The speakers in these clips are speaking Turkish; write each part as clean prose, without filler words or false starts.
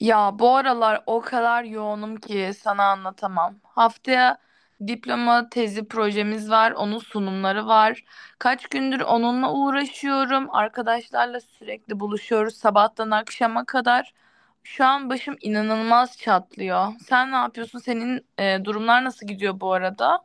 Ya bu aralar o kadar yoğunum ki sana anlatamam. Haftaya diploma tezi projemiz var, onun sunumları var. Kaç gündür onunla uğraşıyorum. Arkadaşlarla sürekli buluşuyoruz sabahtan akşama kadar. Şu an başım inanılmaz çatlıyor. Sen ne yapıyorsun? Senin durumlar nasıl gidiyor bu arada?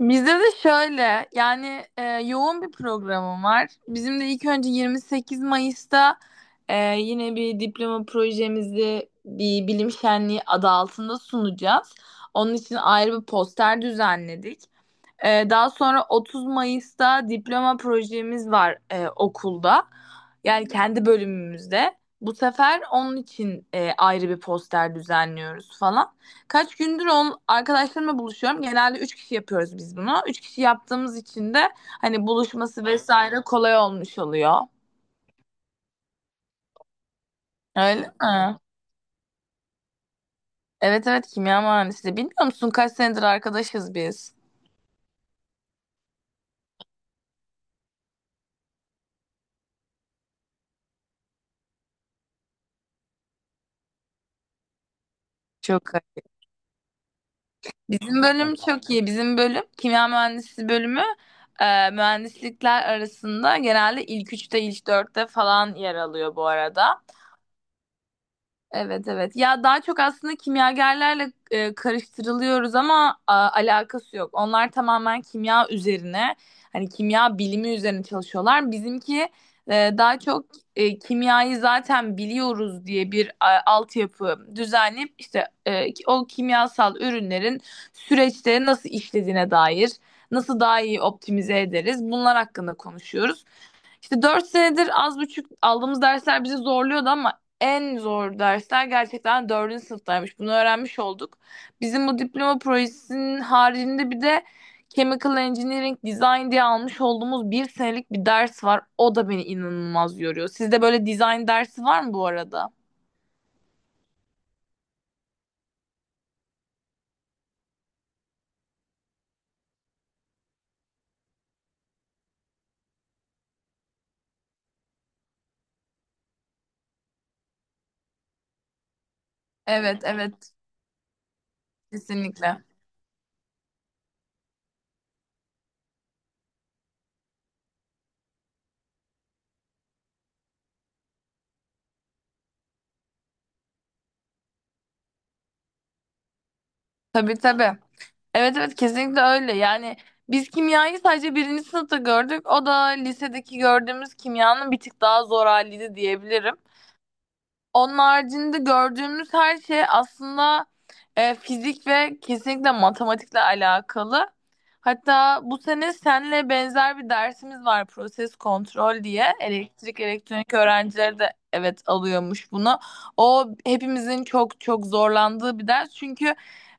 Bizde de şöyle yani yoğun bir programım var. Bizim de ilk önce 28 Mayıs'ta yine bir diploma projemizi bir bilim şenliği adı altında sunacağız. Onun için ayrı bir poster düzenledik. Daha sonra 30 Mayıs'ta diploma projemiz var okulda. Yani kendi bölümümüzde. Bu sefer onun için ayrı bir poster düzenliyoruz falan. Arkadaşlarımla buluşuyorum. Genelde 3 kişi yapıyoruz biz bunu. 3 kişi yaptığımız için de hani buluşması vesaire kolay olmuş oluyor. Öyle mi? Evet evet, kimya mühendisliği. Bilmiyor musun kaç senedir arkadaşız biz? Çok Bizim bölüm çok iyi. Bizim bölüm kimya mühendisliği bölümü mühendislikler arasında genelde ilk üçte ilk dörtte falan yer alıyor bu arada. Evet evet. Ya daha çok aslında kimyagerlerle karıştırılıyoruz ama alakası yok. Onlar tamamen kimya üzerine, hani kimya bilimi üzerine çalışıyorlar. Bizimki daha çok kimyayı zaten biliyoruz diye bir altyapı düzenleyip işte o kimyasal ürünlerin süreçte nasıl işlediğine dair, nasıl daha iyi optimize ederiz bunlar hakkında konuşuyoruz. İşte 4 senedir az buçuk aldığımız dersler bizi zorluyordu ama en zor dersler gerçekten dördüncü sınıftaymış. Bunu öğrenmiş olduk. Bizim bu diploma projesinin haricinde bir de Chemical Engineering Design diye almış olduğumuz bir senelik bir ders var. O da beni inanılmaz yoruyor. Sizde böyle design dersi var mı bu arada? Evet, evet, kesinlikle. Tabii tabii. Evet evet, kesinlikle öyle. Yani biz kimyayı sadece birinci sınıfta gördük. O da lisedeki gördüğümüz kimyanın bir tık daha zor haliydi diyebilirim. Onun haricinde gördüğümüz her şey aslında fizik ve kesinlikle matematikle alakalı. Hatta bu sene senle benzer bir dersimiz var proses kontrol diye. Elektrik elektronik öğrencileri de evet alıyormuş bunu. O hepimizin çok çok zorlandığı bir ders. Çünkü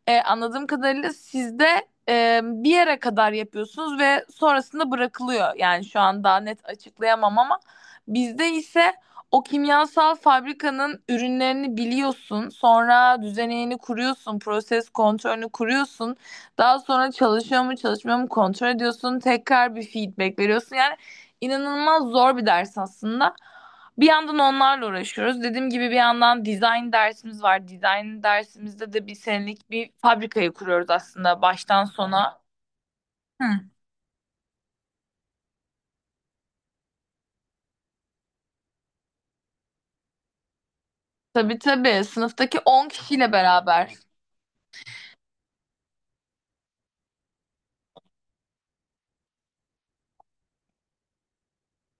anladığım kadarıyla sizde bir yere kadar yapıyorsunuz ve sonrasında bırakılıyor. Yani şu an daha net açıklayamam ama bizde ise o kimyasal fabrikanın ürünlerini biliyorsun, sonra düzeneğini kuruyorsun, proses kontrolünü kuruyorsun. Daha sonra çalışıyor mu, çalışmıyor mu kontrol ediyorsun, tekrar bir feedback veriyorsun. Yani inanılmaz zor bir ders aslında. Bir yandan onlarla uğraşıyoruz. Dediğim gibi bir yandan design dersimiz var. Design dersimizde de bir senelik bir fabrikayı kuruyoruz aslında baştan sona. Hı. Tabii tabii, sınıftaki 10 kişiyle beraber.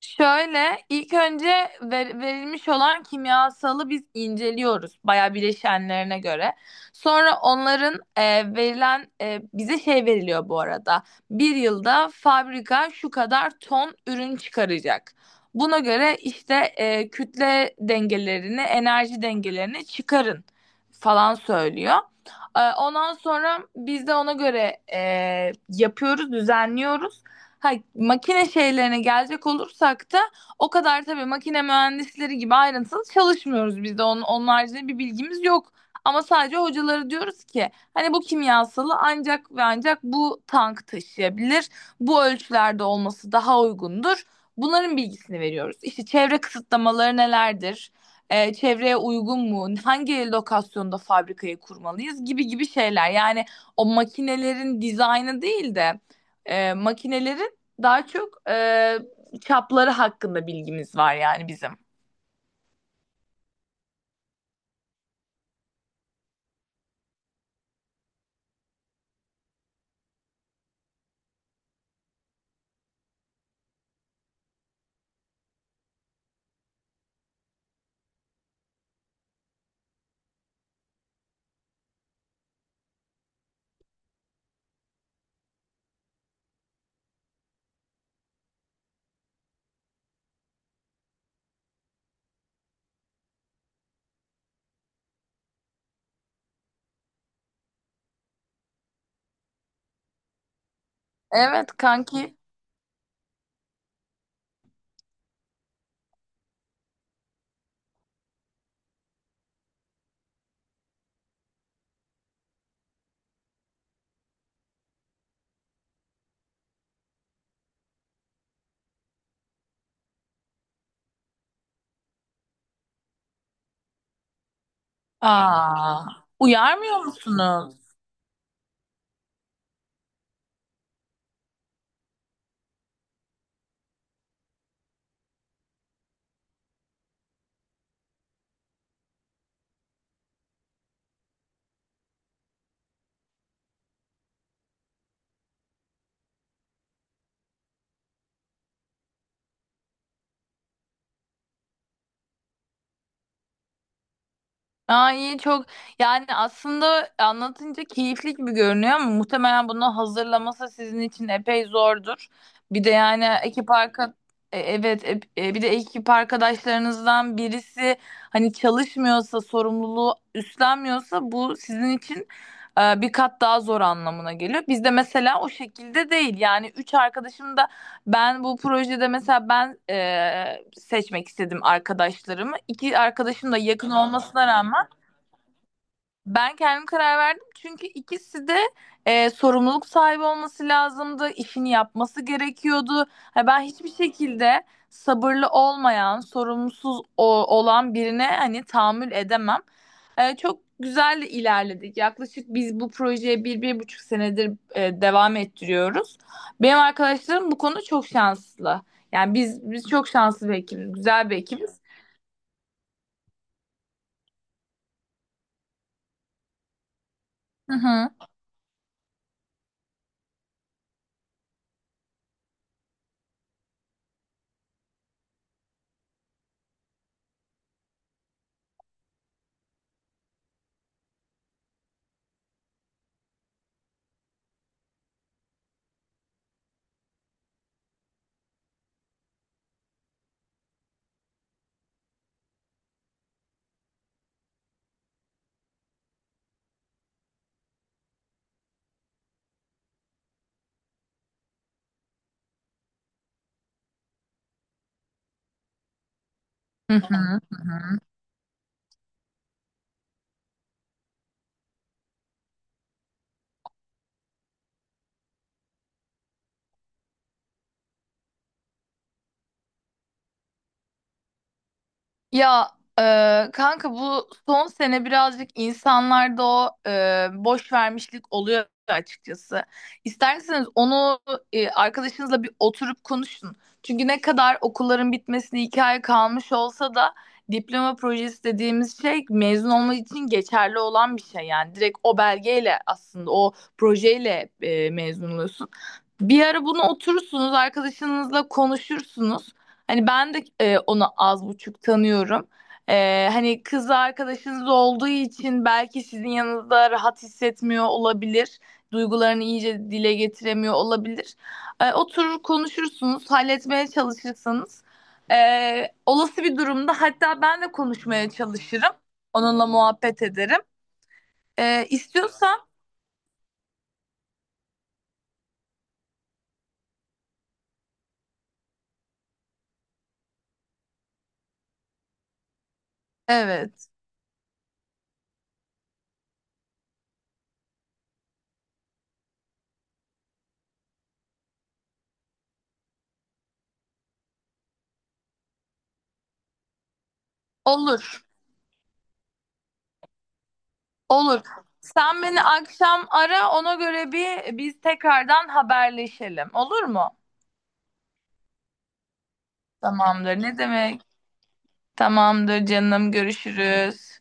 Şöyle ilk önce verilmiş olan kimyasalı biz inceliyoruz bayağı bileşenlerine göre. Sonra onların verilen bize şey veriliyor bu arada. Bir yılda fabrika şu kadar ton ürün çıkaracak. Buna göre işte kütle dengelerini, enerji dengelerini çıkarın falan söylüyor. Ondan sonra biz de ona göre yapıyoruz, düzenliyoruz. Ha, makine şeylerine gelecek olursak da o kadar tabii makine mühendisleri gibi ayrıntılı çalışmıyoruz biz de. Onun haricinde bir bilgimiz yok. Ama sadece hocaları diyoruz ki hani bu kimyasalı ancak ve ancak bu tank taşıyabilir. Bu ölçülerde olması daha uygundur. Bunların bilgisini veriyoruz. İşte çevre kısıtlamaları nelerdir? Çevreye uygun mu, hangi lokasyonda fabrikayı kurmalıyız gibi gibi şeyler. Yani o makinelerin dizaynı değil de makinelerin daha çok çapları hakkında bilgimiz var yani bizim. Evet kanki. Aa, uyarmıyor musunuz? Aa, iyi çok, yani aslında anlatınca keyifli gibi görünüyor ama muhtemelen bunu hazırlaması sizin için epey zordur. Bir de yani ekip arka e, evet ep- e, Bir de ekip arkadaşlarınızdan birisi hani çalışmıyorsa sorumluluğu üstlenmiyorsa bu sizin için bir kat daha zor anlamına geliyor. Bizde mesela o şekilde değil yani üç arkadaşım da ben bu projede mesela ben e, seçmek istedim arkadaşlarımı. İki arkadaşım da yakın olmasına rağmen ben kendim karar verdim çünkü ikisi de sorumluluk sahibi olması lazımdı, işini yapması gerekiyordu. Ha, ben hiçbir şekilde sabırlı olmayan, sorumsuz olan birine hani tahammül edemem. E, çok güzel de ilerledik. Yaklaşık biz bu projeye bir buçuk senedir devam ettiriyoruz. Benim arkadaşlarım bu konuda çok şanslı. Yani biz çok şanslı bir ekibiz, güzel bir ekibiz. Hı hı. Hı hı. Ya e, Kanka, bu son sene birazcık insanlarda boş vermişlik oluyor açıkçası. İsterseniz onu arkadaşınızla bir oturup konuşun. Çünkü ne kadar okulların bitmesine iki ay kalmış olsa da diploma projesi dediğimiz şey mezun olmak için geçerli olan bir şey. Yani direkt o belgeyle aslında o projeyle mezun oluyorsun. Bir ara bunu oturursunuz arkadaşınızla konuşursunuz. Hani ben de onu az buçuk tanıyorum. E, hani kız arkadaşınız olduğu için belki sizin yanınızda rahat hissetmiyor olabilir. Duygularını iyice dile getiremiyor olabilir. E, oturur konuşursunuz, halletmeye çalışırsanız, e, olası bir durumda hatta ben de konuşmaya çalışırım. Onunla muhabbet ederim. E, istiyorsan evet, olur olur. Sen beni akşam ara, ona göre bir biz tekrardan haberleşelim, olur mu? Tamamdır. Ne demek? Tamamdır canım. Görüşürüz.